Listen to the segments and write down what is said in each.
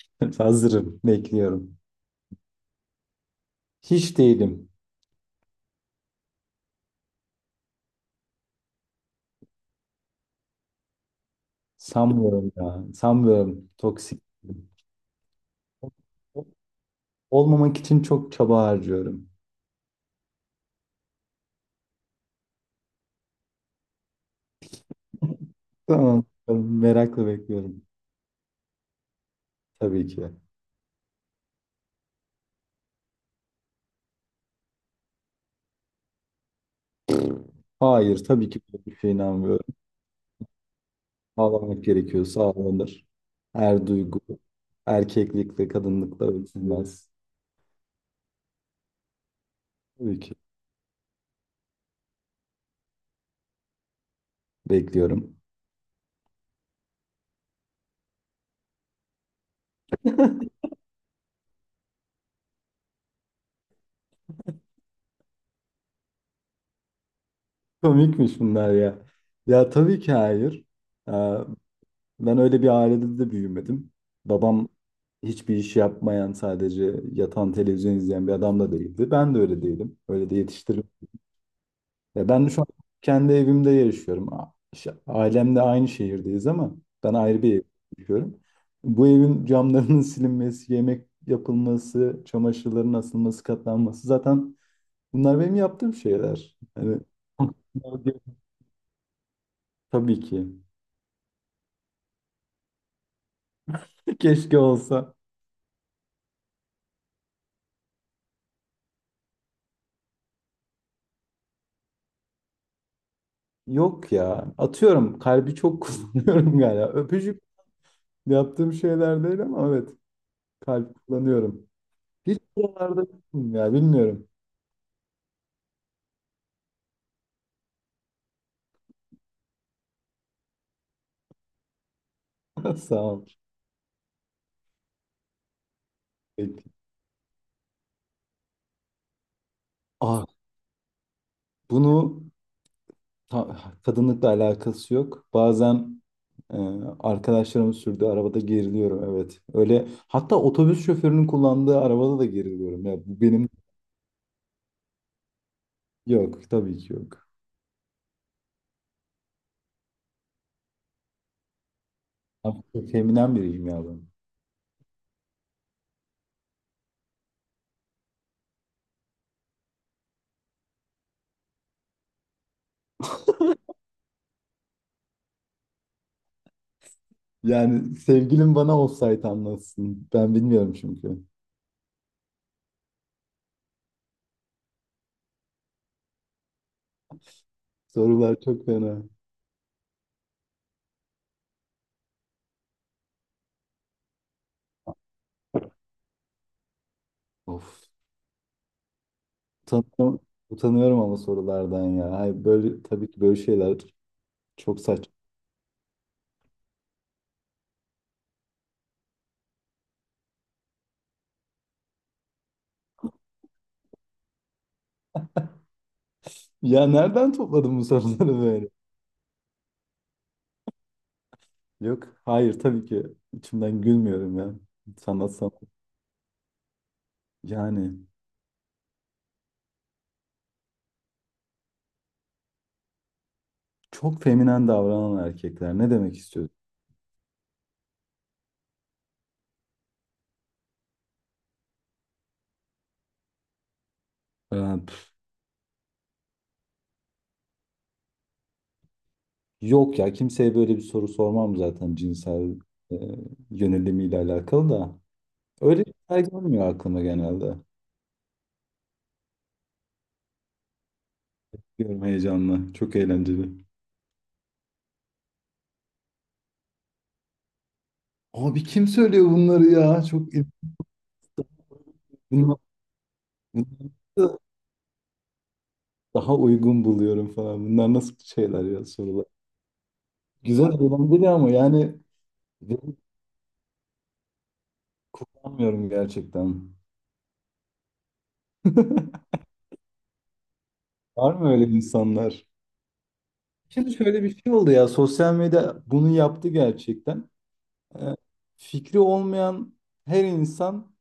Hazırım, bekliyorum. Hiç değilim. Sanmıyorum ya. Sanmıyorum. Toksik. Olmamak için çok çaba harcıyorum. Tamam. Merakla bekliyorum. Tabii ki. Hayır, tabii ki böyle bir şeye inanmıyorum. Ağlamak gerekiyorsa ağlanır. Her duygu erkeklikle, kadınlıkla ölçülmez. Tabii ki bekliyorum. Komikmiş bunlar ya. Ya tabii ki hayır. Ee, Ben öyle bir ailede de büyümedim. Babam hiçbir iş yapmayan, sadece yatan televizyon izleyen bir adam da değildi. Ben de öyle değilim. Öyle de yetiştirildim. Ya ben şu an kendi evimde yaşıyorum. Ailemle aynı şehirdeyiz ama ben ayrı bir evde yaşıyorum. Bu evin camlarının silinmesi, yemek yapılması, çamaşırların asılması, katlanması zaten bunlar benim yaptığım şeyler. Yani tabii ki. Keşke olsa. Yok ya. Atıyorum kalbi çok kullanıyorum galiba. Öpücük yaptığım şeyler değil ama evet kalp kullanıyorum. Hiç buralarda yokum ya bilmiyorum. Sağ ol. Peki. Ah bunu ta- kadınlıkla alakası yok. Bazen e, arkadaşlarım sürdüğü arabada geriliyorum evet. Öyle hatta otobüs şoförünün kullandığı arabada da geriliyorum ya. Bu benim yok tabii ki yok. Ama çok feminen biriyim ya ben. Yani sevgilim bana olsaydı anlatsın. Ben bilmiyorum çünkü. Sorular çok fena. Of. Utanıyorum, utanıyorum ama sorulardan ya. Hayır, böyle tabii ki böyle şeyler çok saçma. Ya nereden topladın bu soruları böyle? Yok, hayır tabii ki içimden gülmüyorum ya. Sanatsal. Yani çok feminen davranan erkekler ne demek istiyorsun? Ee, pf, yok ya kimseye böyle bir soru sormam zaten cinsel e, yönelimiyle alakalı da. Öyle şeyler gelmiyor aklıma genelde. Diyorum heyecanla. Çok eğlenceli. Abi kim söylüyor bunları ya? Çok ilginç. Bunlar, bunları da daha uygun buluyorum falan. Bunlar nasıl şeyler ya sorular. Güzel eğlenceli ama yani ben kullanmıyorum gerçekten. Var mı öyle insanlar? Şimdi şöyle bir şey oldu ya. Sosyal medya bunu yaptı gerçekten. Ee, fikri olmayan her insan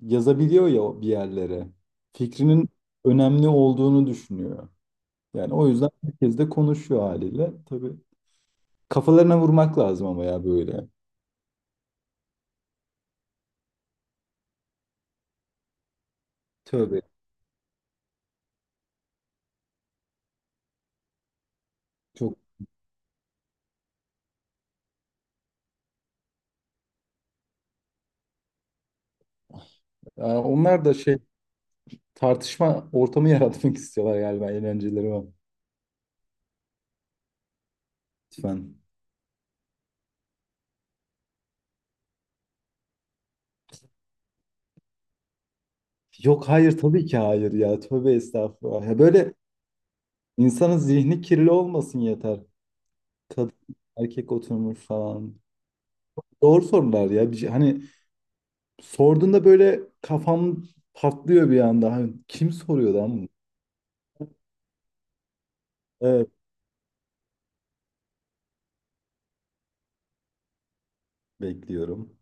yazabiliyor ya bir yerlere. Fikrinin önemli olduğunu düşünüyor. Yani o yüzden herkes de konuşuyor haliyle. Tabii kafalarına vurmak lazım ama ya böyle. Tövbe. Çok. Aa, onlar da şey tartışma ortamı yaratmak istiyorlar galiba eğlenceleri var. Lütfen. Yok hayır tabii ki hayır ya. Tövbe estağfurullah. Ya böyle insanın zihni kirli olmasın yeter. Kadın erkek oturmuş falan. Doğru sorular ya. Hani sorduğunda böyle kafam patlıyor bir anda. Hani kim soruyor lan bunu? Evet bekliyorum.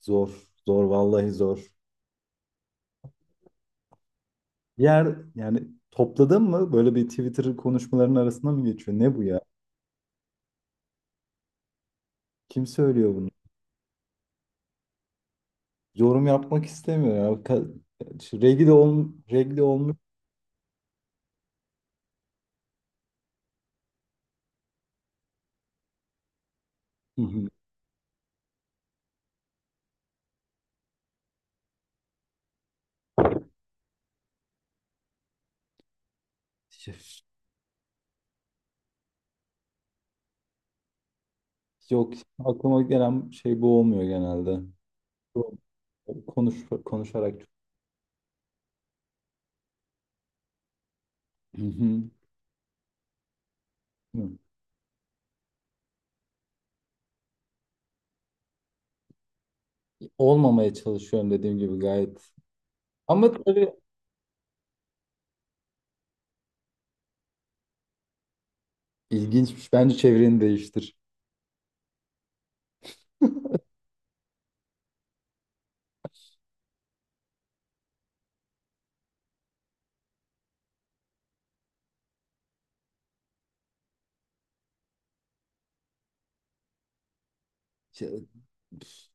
Zor. Zor vallahi zor. Yer yani topladın mı? Böyle bir Twitter konuşmalarının arasında mı geçiyor? Ne bu ya? Kim söylüyor bunu? Yorum yapmak istemiyor ya. Şu regli olmuş. Hı hı. Yok aklıma gelen şey bu olmuyor genelde. Bu- Konuş, konuşarak. Hı hı. Hı. Olmamaya çalışıyorum dediğim gibi gayet. Ama tabii ilginçmiş. Bence çevreni değiştir.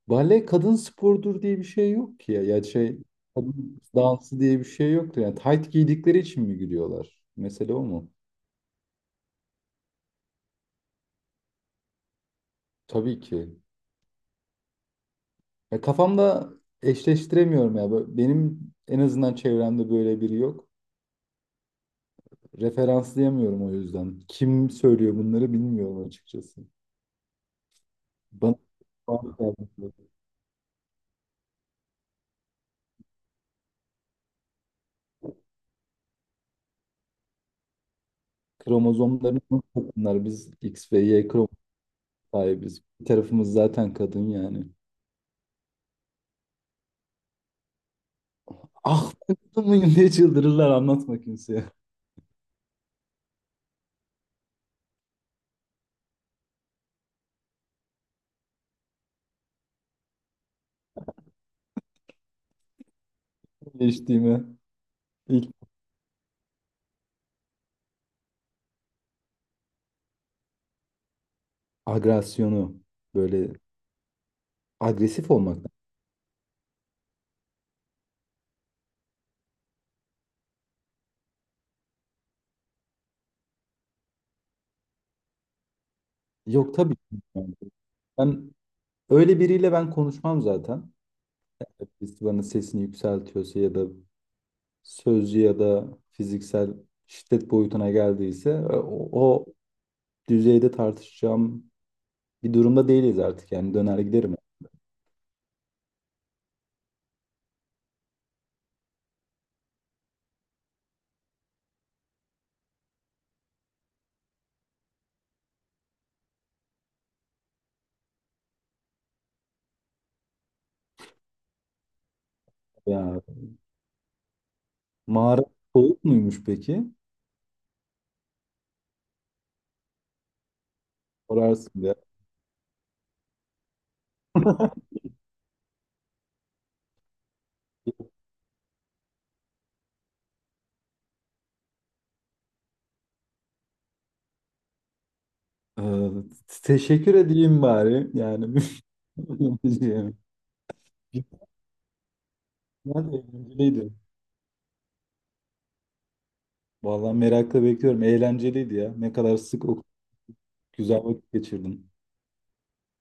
Bale kadın sporudur diye bir şey yok ki ya. Ya şey kadın dansı diye bir şey yoktu. Yani tayt giydikleri için mi gülüyorlar? Mesele o mu? Tabii ki. Ya kafamda eşleştiremiyorum ya. Böyle- Benim en azından çevremde böyle biri yok. Referanslayamıyorum o yüzden. Kim söylüyor bunları bilmiyorum açıkçası. Bana kromozomlarımız kadınlar. Biz X ve Y kromozom sahibiz. Bir tarafımız zaten kadın yani. Ah ben kadın mıyım diye çıldırırlar anlatma kimseye. Geçtiğime. İlk agresyonu. Böyle agresif olmaktan. Yok tabii ki. Yani ben öyle biriyle ben konuşmam zaten. Birisi bana sesini yükseltiyorsa ya da sözlü ya da fiziksel şiddet boyutuna geldiyse o düzeyde tartışacağım bir durumda değiliz artık. Yani döner giderim. Ya mağara soğuk muymuş peki? Sorarsın ya. Ee, teşekkür edeyim bari. Yani yani, nerede eğlenceliydi. Vallahi merakla bekliyorum. Eğlenceliydi ya. Ne kadar sık o güzel vakit geçirdim.